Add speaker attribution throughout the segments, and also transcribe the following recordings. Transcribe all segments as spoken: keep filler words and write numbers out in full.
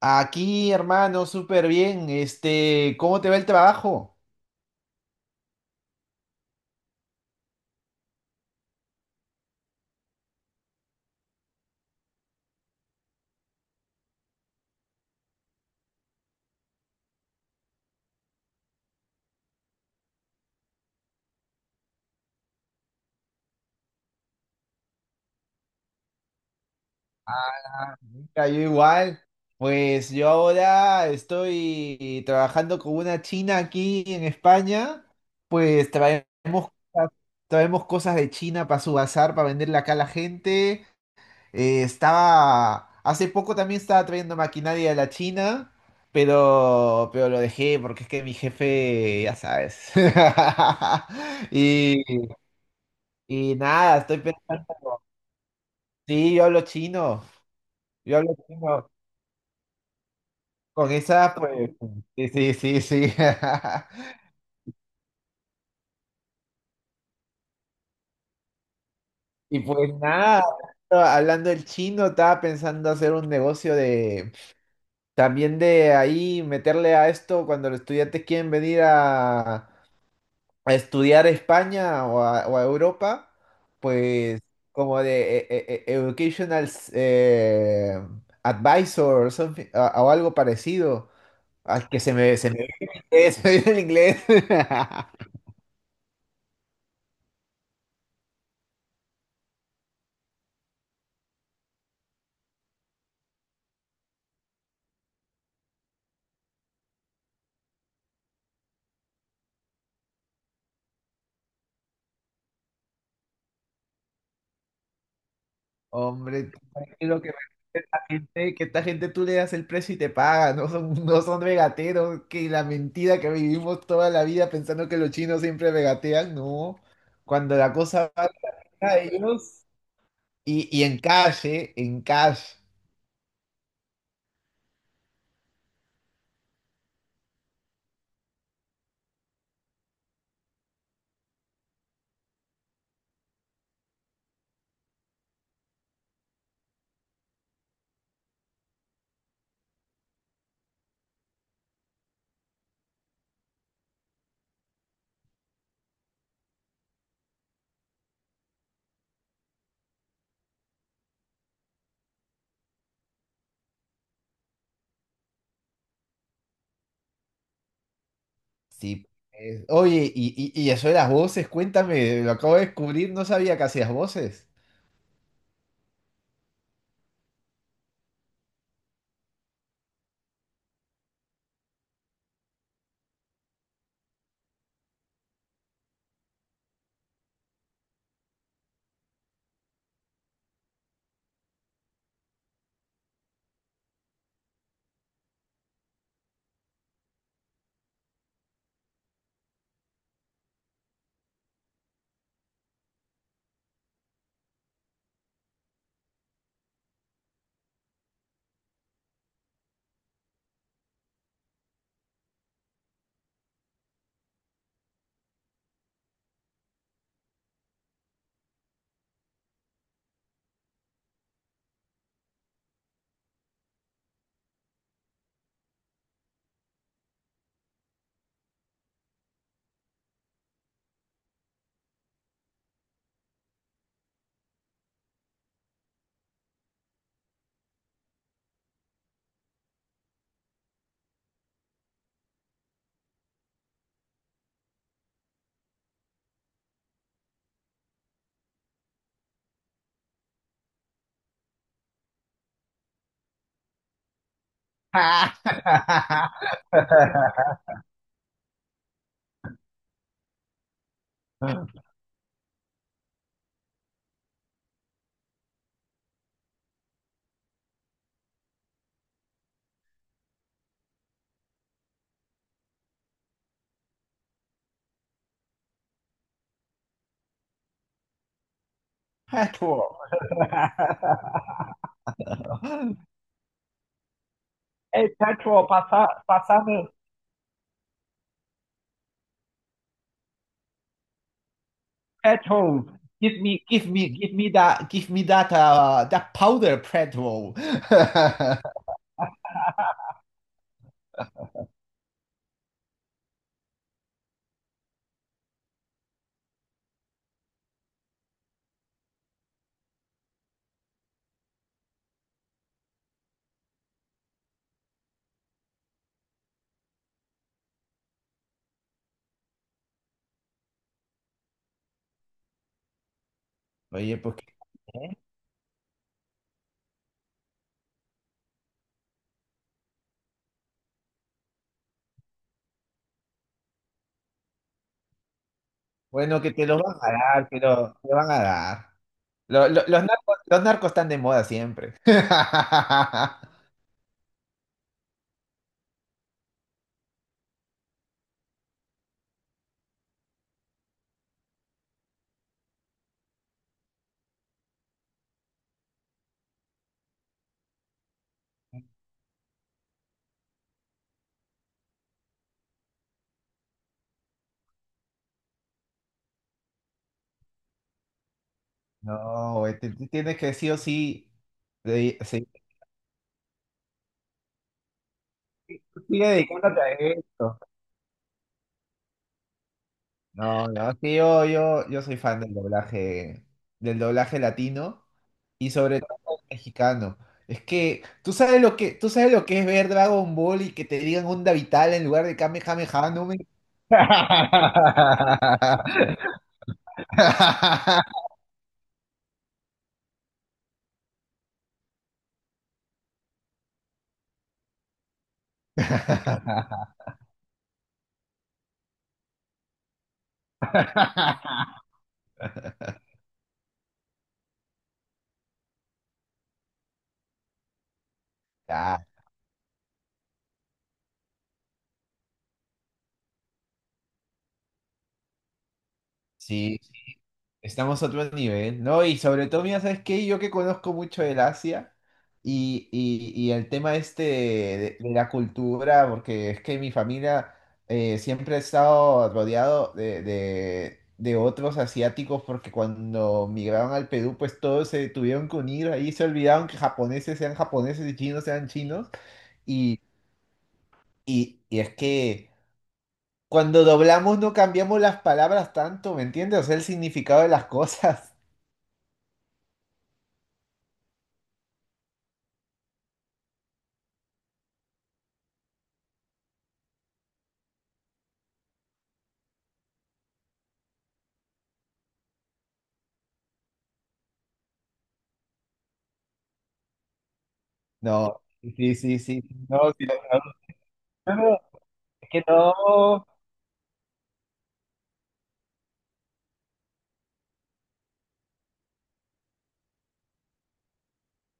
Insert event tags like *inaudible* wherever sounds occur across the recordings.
Speaker 1: Aquí, hermano, súper bien. Este, ¿cómo te va el trabajo? Ah, Mira, yo igual. Pues yo ahora estoy trabajando con una china aquí en España. Pues traemos, cosas- traemos cosas de China para su bazar, para venderle acá a la gente. Eh, estaba, hace poco también estaba trayendo maquinaria de la China, pero, pero lo dejé porque es que mi jefe, ya sabes. *laughs* Y, y nada, estoy pensando. Sí, yo hablo chino. Yo hablo chino. Con esa, pues. Sí, sí, sí, sí. *laughs* Y pues nada, hablando del chino, estaba pensando hacer un negocio de. También de ahí meterle a esto cuando los estudiantes quieren venir a, a estudiar a España o a, o a Europa, pues como de eh, eh, eh, educational eh, advisor or something, a- o algo parecido. Al que se me, se me viene el inglés. *laughs* Se me viene el inglés. *laughs* Hombre, tú tranquilo que me- esta gente, que esta gente tú le das el precio y te paga, no son, no son regateros, que la mentira que vivimos toda la vida pensando que los chinos siempre regatean, no. Cuando la cosa va a ellos, Y, y en calle, en cash. Sí, eh, oye, y, y, y eso de las voces, cuéntame, lo acabo de descubrir, no sabía que hacías voces. *laughs* Petrol. Hey, petrol, pasa, pasame petrol. Give me, give me, give me that, give me that, uh, that powder, petrol. *laughs* Oye, pues qué bueno que te los van a dar, que lo, te van a dar. Lo- lo- los narcos, los narcos están de moda siempre. *laughs* No, güey, te- tú tienes que sí o sí de- seguir, sigue dedicándote a esto. No, no, sí, yo, yo, yo soy fan del doblaje, del doblaje latino, y sobre todo el mexicano. Es que tú sabes lo que, tú sabes lo que es ver Dragon Ball y que te digan onda vital en lugar de Kamehameha, no me... *laughs* Ya, sí, estamos a otro nivel, ¿no? Y sobre todo, mira, ¿sabes qué? Yo que conozco mucho del Asia y, y- y el tema este de, de la cultura, porque es que mi familia eh, siempre ha estado rodeado de, de- de otros asiáticos, porque cuando migraron al Perú, pues todos se tuvieron que unir, ahí se olvidaron que japoneses sean japoneses y chinos sean chinos, y, y y es que cuando doblamos no cambiamos las palabras tanto, ¿me entiendes? O sea, el significado de las *laughs* cosas. No, sí, sí, sí. No, si la traducción es que no,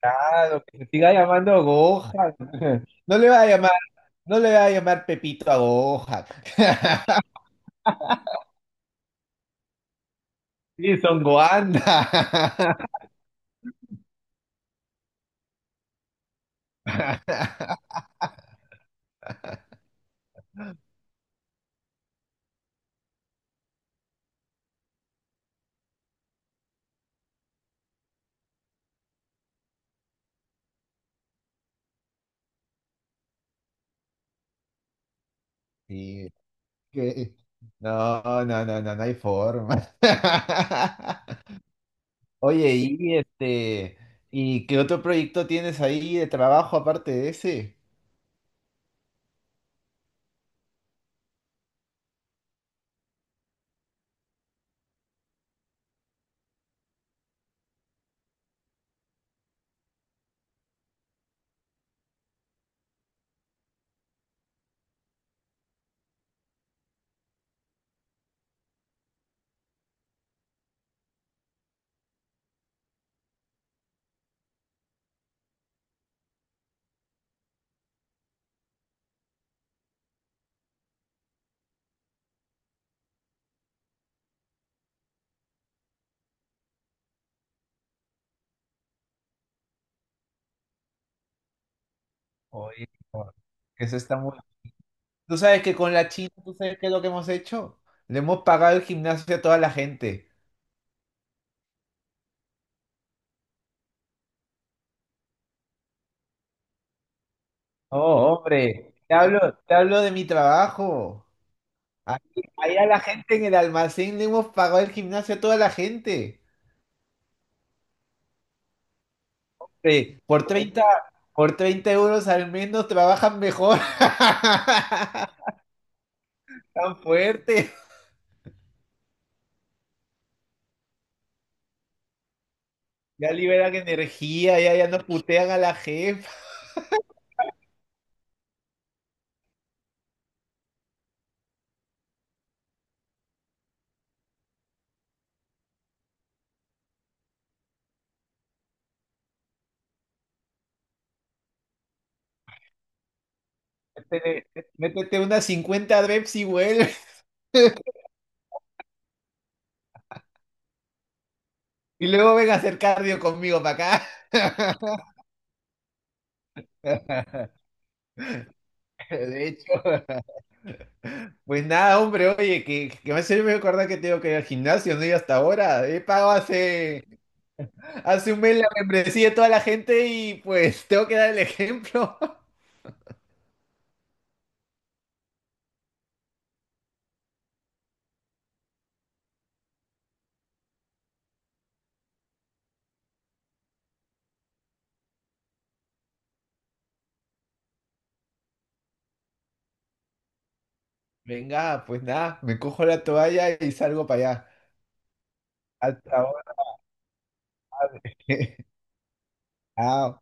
Speaker 1: claro, que se siga llamando Gohan. *laughs* No le va a llamar, no le va a llamar Pepito a Gohan. *laughs* Sí, son Goanda. *laughs* Sí, que- no, no, no, no, no hay forma. *laughs* Oye, y este, ¿y qué otro proyecto tienes ahí de trabajo aparte de ese? Oye, no, eso está muy... Tú sabes que con la China, ¿tú sabes qué es lo que hemos hecho? Le hemos pagado el gimnasio a toda la gente. Oh, hombre, te hablo, te hablo de mi trabajo. Ahí, Ahí a la gente en el almacén le hemos pagado el gimnasio a toda la gente. Eh, por treinta, por treinta euros al menos trabajan mejor. *laughs* Tan fuerte. Ya liberan energía, ya, ya no putean a la jefa. Te- Métete unas cincuenta reps y vuelve. Y luego ven a hacer cardio conmigo para acá. De hecho, *laughs* pues nada, hombre, oye, que, que me hace me acordar que tengo que ir al gimnasio, no he ido hasta ahora. He pagado hace, hace un mes la membresía de toda la gente y pues *laughs* tengo que dar el ejemplo. *laughs* Venga, pues nada, me cojo la toalla y salgo para allá. Hasta ahora. *laughs* Chao.